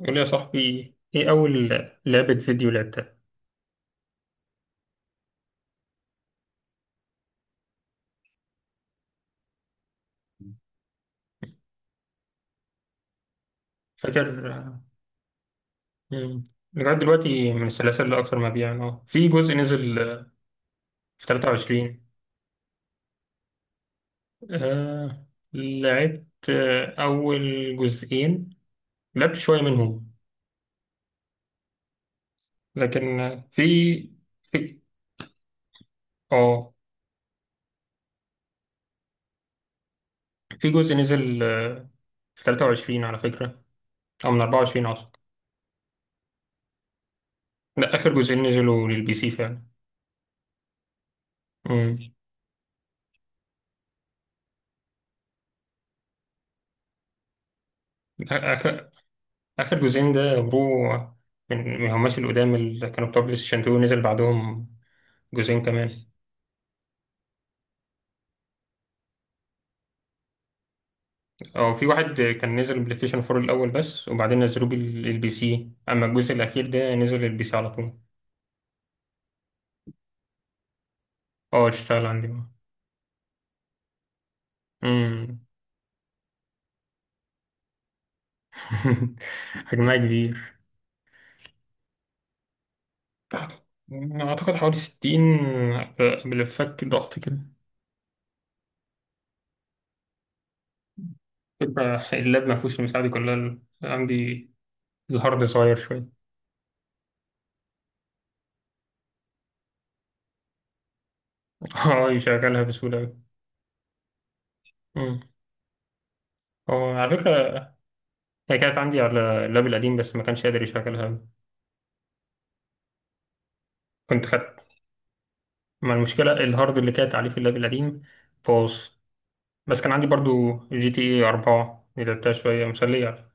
قول لي يا صاحبي، ايه اول لعبة فيديو لعبتها؟ فاكر آه. مم. لغاية دلوقتي من السلاسل اللي اكثر مبيعا في جزء نزل في 23. آه، لعبت اول جزئين. لعبت شوية منهم. لكن في اه في جزء نزل في 23 على فكرة، او من 24 اعتقد. ده اخر جزئين نزلوا للبي سي فعلا. امم آخر آخر جزئين ده برو. من هماش القدام اللي كانوا بتوع بلاي ستيشن 2 نزل بعدهم جزئين كمان. أو في واحد كان نزل بلاي ستيشن 4 الأول بس، وبعدين نزلوه للبي سي. أما الجزء الأخير ده نزل للبي سي على طول. اه، تشتغل عندي بقى. أمم. حجمها كبير. أعتقد حوالي 60، بالفك ضغط كده. فكرة اللاب ما فيهوش المساحة دي كلها عندي. الهارد صغير شوية. اه، يشغلها بسهولة أوي. امم. هو على فكرة، هي كانت عندي على اللاب القديم بس ما كانش قادر يشغلها. كنت خدت. ما المشكلة الهارد اللي كانت عليه في اللاب القديم باظ. بس كان عندي برضو GTA 4، اللي لعبتها شوية مسلية.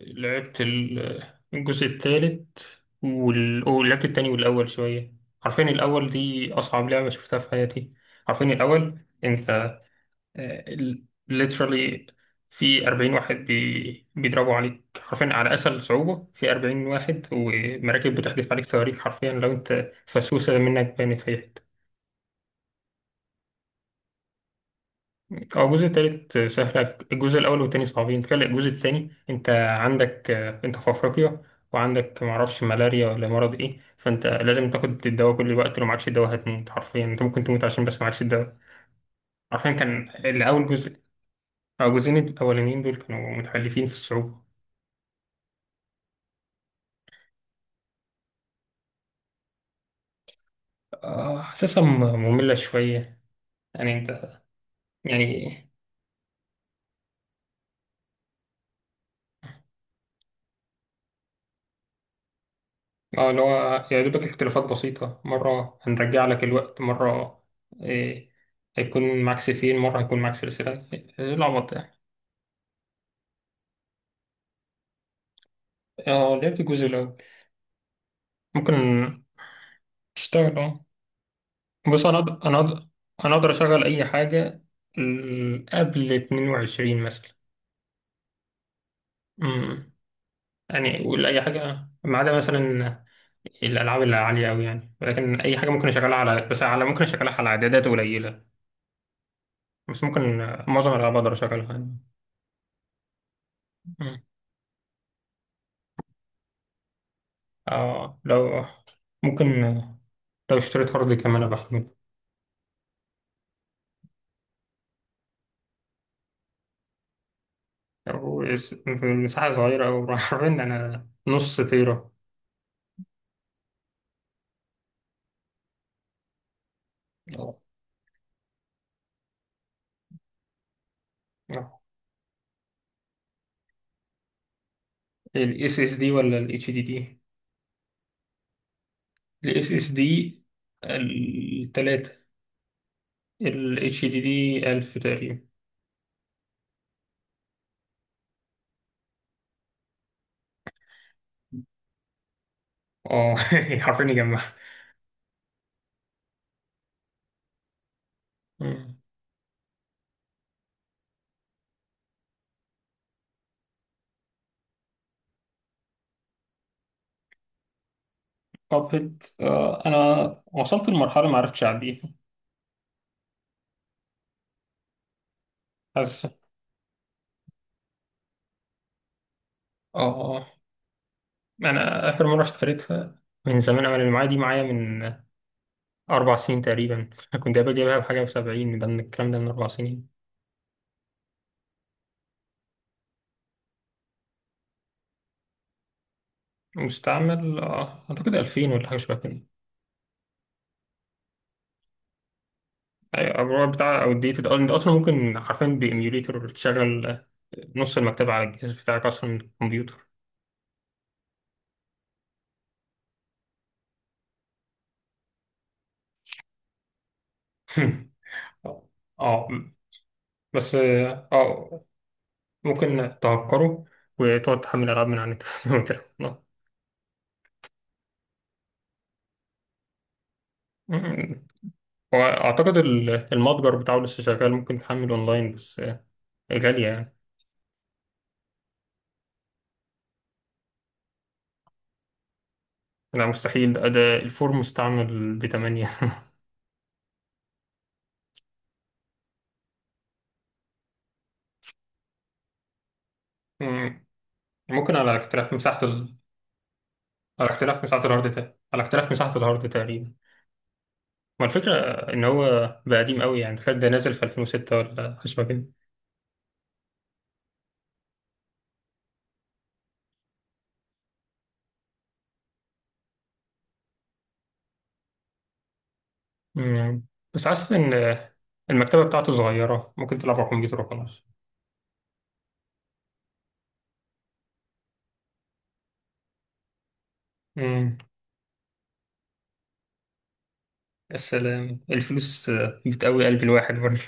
لعبت الجزء التالت ولعبت التاني والأول شوية. عارفين الأول دي أصعب لعبة شفتها في حياتي. عارفين الأول، أنت، آه، literally في 40 واحد بيضربوا عليك حرفيا، على أسهل صعوبة، في 40 واحد ومراكب بتحدف عليك صواريخ. حرفيا لو أنت فسوسة منك بانت في أي حتة. أو الجزء التالت سهل. الجزء الأول والتاني صعبين. تخيل الجزء التاني، أنت عندك أنت في أفريقيا، وعندك معرفش ملاريا ولا مرض إيه. فأنت لازم تاخد الدواء كل الوقت. لو معكش الدواء هتموت. حرفيا أنت ممكن تموت عشان بس معكش الدواء. حرفيا كان الأول جزء. أو الجزئين الأولانيين دول كانوا متحلفين في الصعوبة. حاسسها مملة شوية. يعني انت. يعني. اه، اللي هو يا دوبك اختلافات بسيطة، مرة هنرجع لك الوقت، مرة. إيه، هيكون معاك سيفين، مرة هيكون معاك سلسلة، إيه العبط ده. اه، لعبت الجزء الأول. ممكن اشتغل اه. بص، أنا أقدر أشغل أي حاجة. قبل 22 مثلا. أمم. يعني ولا أي حاجة ما عدا مثلا الالعاب اللي عاليه قوي يعني. ولكن اي حاجه ممكن اشغلها على اعدادات قليله. بس ممكن معظم الالعاب اقدر اشغلها يعني. مم. اه، لو ممكن آه، لو اشتريت هارد كمان ابقى احمله. في مساحه صغيره، او عارفين انا نص تيرا. آه. آه. الاس اس دي ولا الاتش دي دي؟ الاس اس دي. التلاتة. الاتش دي دي 1000 تقريبا. اه، حرفيا يجمع. كابهيد، انا وصلت لمرحله ما عرفتش اعديها. حاسس. اه. انا اخر مره اشتريتها من زمان، انا اللي معايا دي معايا من 4 سنين تقريبا. كنت قبل جايبها بحاجه ب70. ده من 4 سنين. مستعمل اعتقد 2000 ولا حاجه شبه كده. ايوه، الرواية بتاع او الديتد. انت اصلا ممكن حرفيا بايميوليتور تشغل نص المكتبه على الجهاز بتاعك اصلا من الكمبيوتر. اه، بس ممكن تعكره وتقعد تحمل ألعاب من على النت. وتلعب. مم. وأعتقد المتجر بتاعه لسه شغال. ممكن تحمل أونلاين، بس غالية يعني. لا مستحيل ده. ده الفور مستعمل بتمانية. مم. ممكن على اختلاف مساحة ال... على اختلاف مساحة الهارد تا... على اختلاف مساحة الهارد تقريبا. ما الفكرة إن هو بقى قديم قوي يعني، تخيل ده نازل في 2006 ولا حاجة شبه كده. مم. بس حاسس إن المكتبة بتاعته صغيرة، ممكن تلعب على الكمبيوتر وخلاص. مم. السلام الفلوس بتقوي قلب الواحد برضه.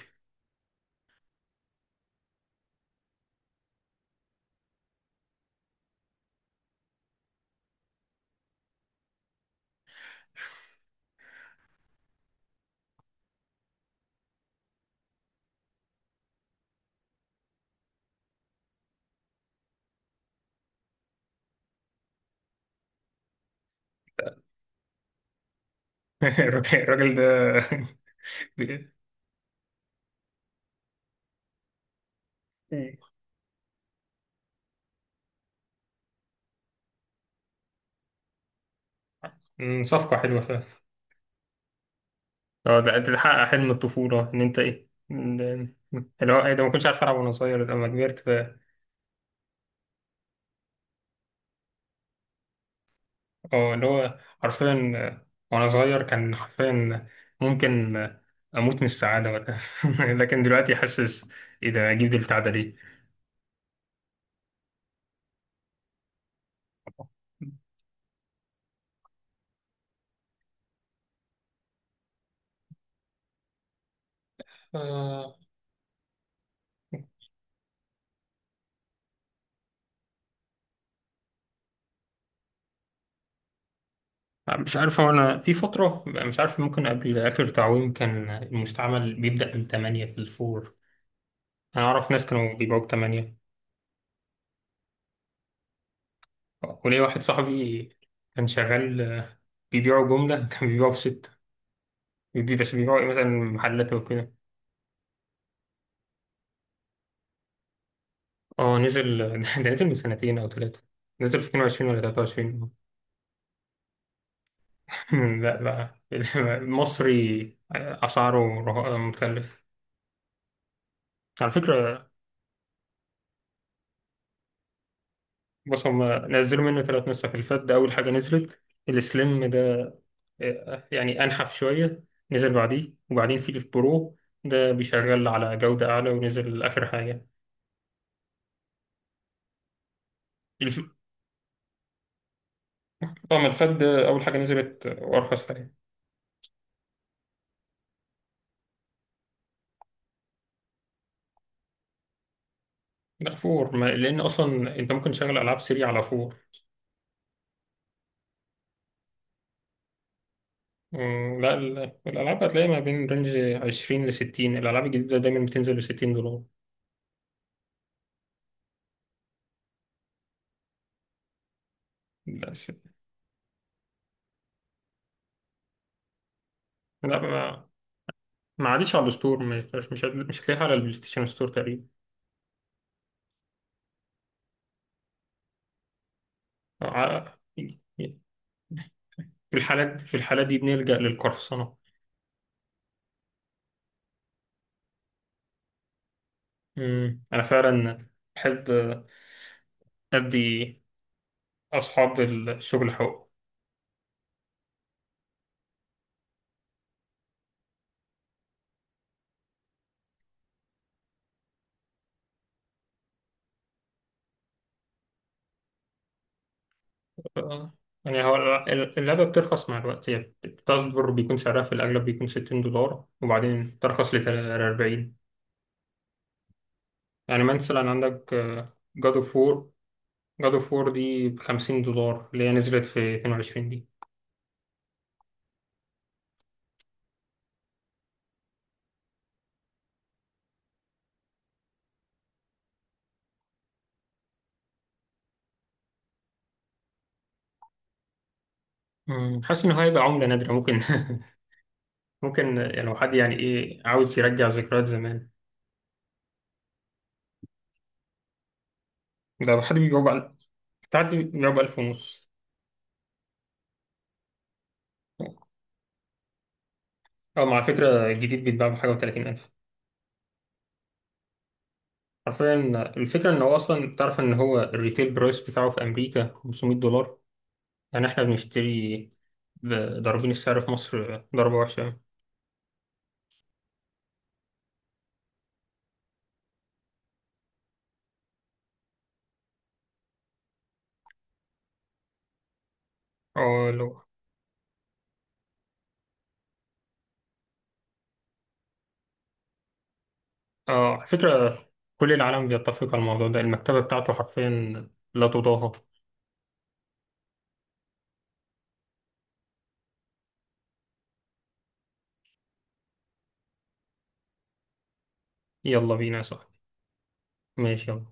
الراجل ده. صفقة حلوة فعلا. اه، ده تحقق حلم الطفولة، ان انت ايه. إن- اللي هو ايه ده ما كنتش عارف العب وانا صغير، لما كبرت ف. اه، اللي هو حرفيا وانا صغير كان حرفيا ممكن اموت من السعادة ولا. لكن دلوقتي حاسس، ايه ده اجيب البتاع ده ليه؟ آه. مش عارف، هو انا في فترة مش عارف، ممكن قبل اخر تعويم كان المستعمل بيبدأ من 8 في الفور. انا اعرف ناس كانوا بيبيعوا ب 8. وليا واحد صاحبي كان شغال بيبيعوا جملة. كان بيبيعوا ب 6. بس بيبيعوا ايه، مثلا محلات وكده. اه نزل. ده نزل من سنتين او ثلاثة. نزل في 22 ولا 23. لا بقى. المصري اسعاره متكلف على فكرة. بص هم نزلوا منه ثلاث نسخ. اللي فات ده اول حاجة نزلت. السليم ده يعني أنحف شوية، نزل بعديه. وبعدين في الف برو، ده بيشغل على جودة أعلى، ونزل آخر حاجة. الف... اه، ما الفات ده أول حاجة نزلت وأرخص حاجة. لا، فور ما... لأن أصلا أنت ممكن تشغل ألعاب سريع على فور. مم، لا الألعاب هتلاقيها ما بين رينج 20-60. الألعاب الجديدة دايما بتنزل ب60 دولار. لا لا ما عادش على الستور، مش هتلاقيها على البلاي ستيشن ستور تقريبا. ع- في الحالات دي بنلجأ للقرصنة. مم. أنا فعلا أحب أدي أصحاب الشغل حقوق. آه. يعني هو اللعبة بترخص مع الوقت. هي بتصدر بيكون سعرها في الأغلب بيكون 60 دولار، وبعدين ترخص ل 40. يعني مثلا عندك جاد اوف وور جاد اوف وور دي ب 50 دولار، اللي هي نزلت في 22 دي. مم. حاسس إن هو هيبقى عملة نادرة، ممكن ممكن يعني لو حد يعني إيه عاوز يرجع ذكريات زمان. ده حد بيبيعه بقى. تعدي بيبيعه ب1500. أو مع فكرة الجديد بيتباع بحاجة و30 ألف. حرفيا، الفكرة إن هو أصلا تعرف إن هو الريتيل برايس بتاعه في أمريكا 500 دولار. يعني إحنا بنشتري، ضاربين السعر في مصر ضربة وحشة يعني. أه لو. أه على فكرة، كل العالم بيتفق على الموضوع ده. المكتبة بتاعته حرفيا لا تضاهى. يلا بينا يا صاحبي. ماشي، يلا.